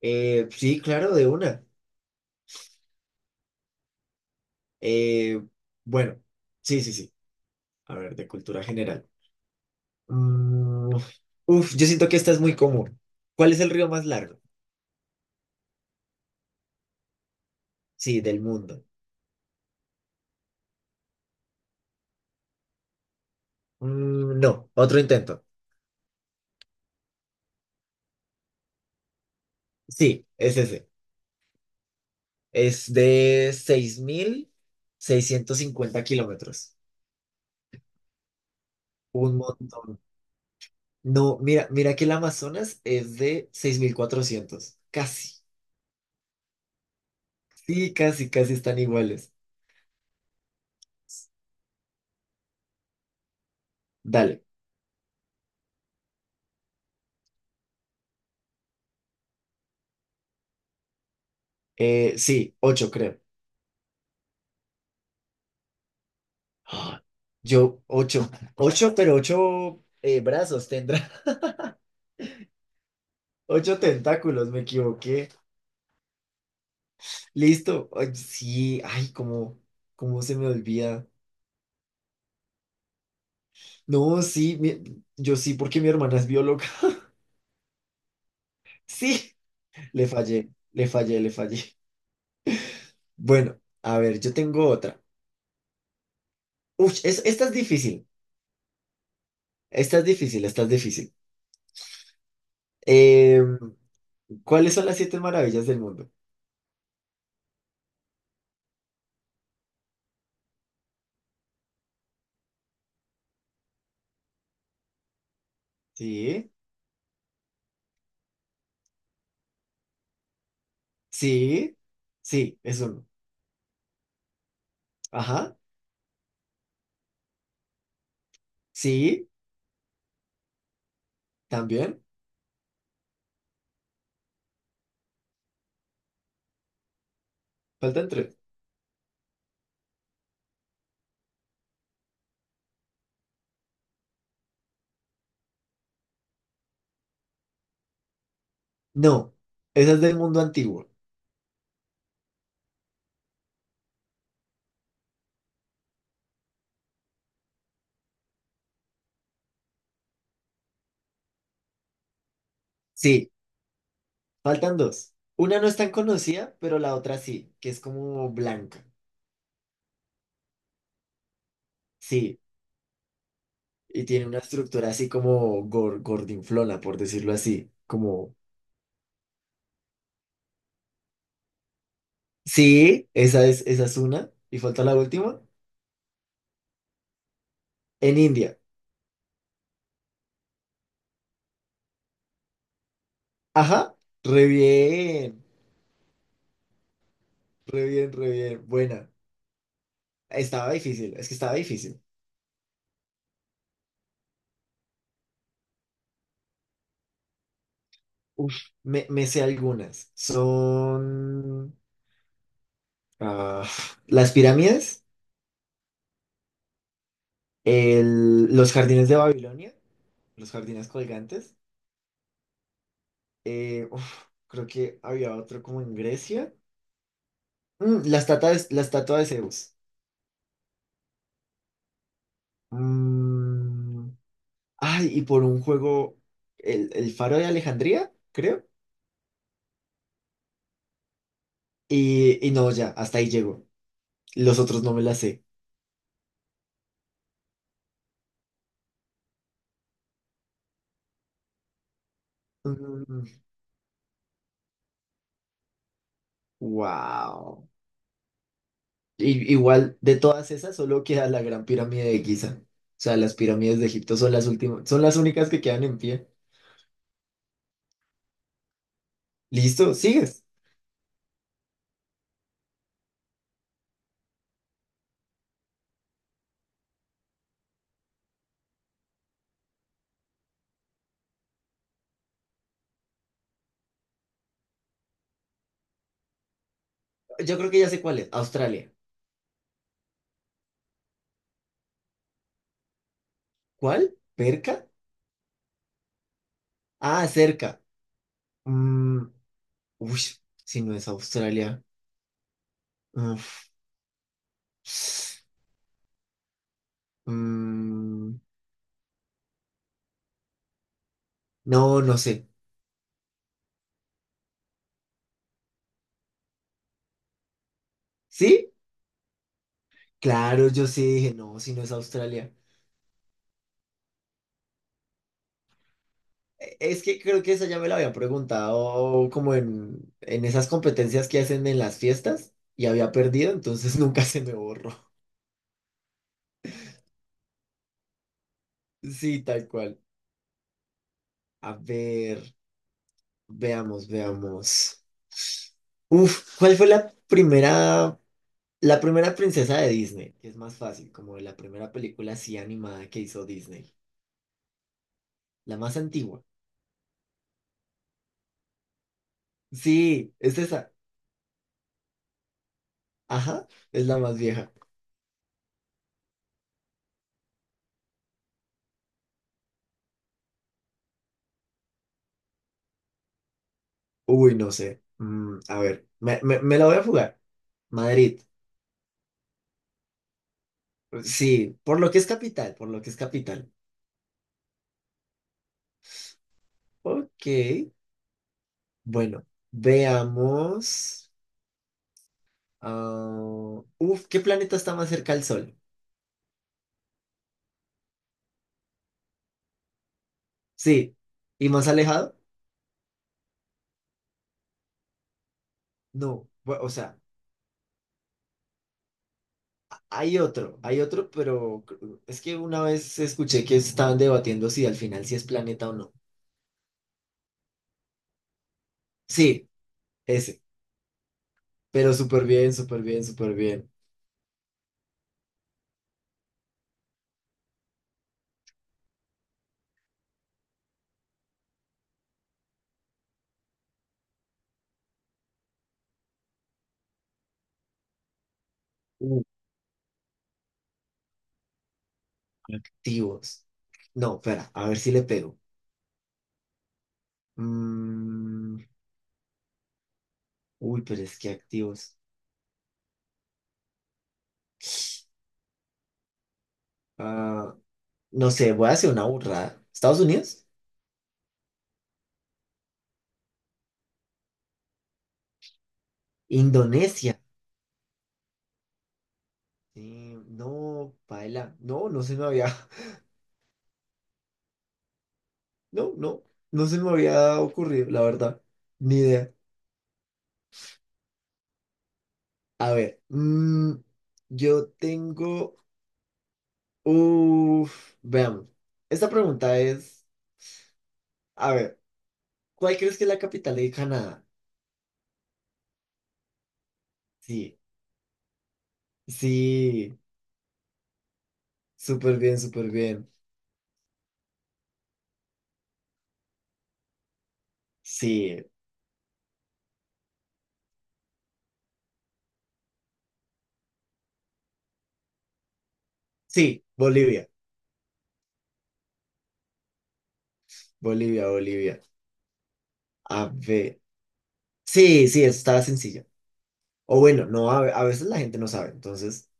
Sí, claro, de una. Eh, bueno, sí, sí, sí. A ver, de cultura general. Mm, Uf, yo siento que esta es muy común. ¿Cuál es el río más largo? Sí, del mundo. No, otro intento. Sí, es ese. Es de 6650 kilómetros. Un montón. No, mira que el Amazonas es de 6400 casi. Sí, casi, casi están iguales. Dale. Sí, 8 creo. ¡Ah! Yo, ocho. Ocho, pero ocho brazos tendrá. Ocho tentáculos, me equivoqué. Listo. Ay, sí, ay, cómo se me olvida. No, sí, yo sí, porque mi hermana es bióloga. Sí, le fallé, le fallé, le fallé. Bueno, a ver, yo tengo otra. Uf, esta es difícil. Esta es difícil, esta es difícil. Eh, ¿Cuáles son las siete maravillas del mundo? Sí, sí, sí, es uno. Ajá, sí, también. Faltan tres. No, esa es del mundo antiguo. Sí, faltan dos. Una no es tan conocida, pero la otra sí, que es como blanca. Sí, y tiene una estructura así como gordinflona, por decirlo así. Como, sí, esa es una. Y falta la última, en India. Ajá, re bien, re bien, re bien. Buena. Estaba difícil, es que estaba difícil. Uf, me sé algunas. Son ah, las pirámides. Los jardines de Babilonia, los jardines colgantes. Uf, creo que había otro como en Grecia. La estatua de Zeus. Mm, Ay, y por un juego, el faro de Alejandría, creo. Y no, ya, hasta ahí llego. Los otros no me las sé. Mm, wow. Igual, de todas esas, solo queda la Gran Pirámide de Giza. O sea, las pirámides de Egipto son las últimas, son las únicas que quedan en pie. Listo, sigues. Yo creo que ya sé cuál es. Australia. ¿Cuál? ¿Perca? Ah, cerca. Mm, Uy, si no es Australia. Uf. Mm, no, no sé. ¿Sí? Claro, yo sí dije, no, si no es Australia. Es que creo que esa ya me la había preguntado como en, esas competencias que hacen en las fiestas y había perdido, entonces nunca se me borró. Sí, tal cual. A ver. Veamos, veamos. Uf, ¿cuál fue la primera princesa de Disney? Que es más fácil, como la primera película así animada que hizo Disney. La más antigua. Sí, es esa. Ajá, es la más vieja. Uy, no sé. A ver, me la voy a jugar. Madrid. Sí, por lo que es capital, por lo que es capital. Ok, bueno, veamos. Ah, uf, ¿qué planeta está más cerca al Sol? Sí, y más alejado, no. O sea, hay otro, pero es que una vez escuché que estaban debatiendo si al final si es planeta o no. Sí, ese, pero súper bien, súper bien, súper bien. Uh, Activos. No, espera, a ver si le pego. Mm, Uy, pero es que activos. Ah, no sé, voy a hacer una burrada. ¿Estados Unidos? Indonesia. Sí, no, paila. No, no se me había. No, no, no se me había ocurrido, la verdad. Ni idea. A ver, yo tengo... Uf, veamos. Esta pregunta es, a ver, ¿cuál crees que es la capital de Canadá? Sí, sí, súper bien, súper bien. Sí, sí, Bolivia, Bolivia, Bolivia. A ver, sí, sí, eso estaba sencillo. O bueno, no, a veces la gente no sabe. Entonces,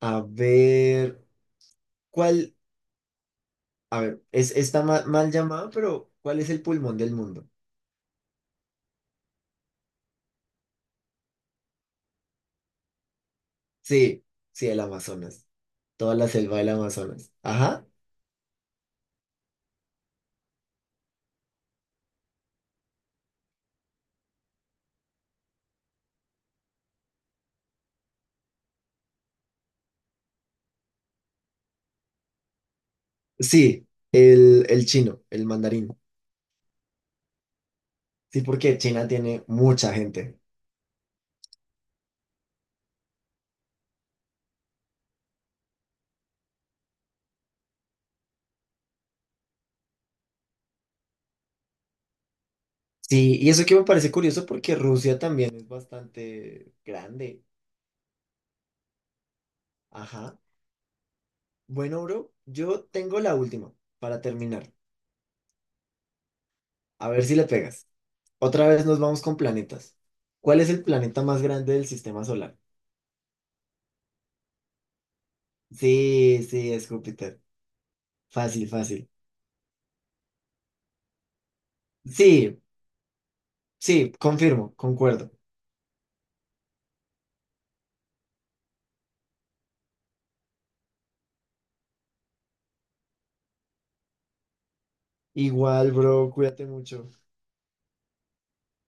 a ver, ¿cuál? A ver, está mal llamada, pero ¿cuál es el pulmón del mundo? Sí, sí, el Amazonas. Toda la selva del Amazonas. Ajá. Sí, el chino, el mandarín. Sí, porque China tiene mucha gente. Sí, y eso que me parece curioso porque Rusia también es bastante grande. Ajá. Bueno, bro, yo tengo la última para terminar. A ver si le pegas. Otra vez nos vamos con planetas. ¿Cuál es el planeta más grande del sistema solar? Sí, sí, es Júpiter. Fácil, fácil. Sí, sí, confirmo, concuerdo. Igual, bro, cuídate mucho.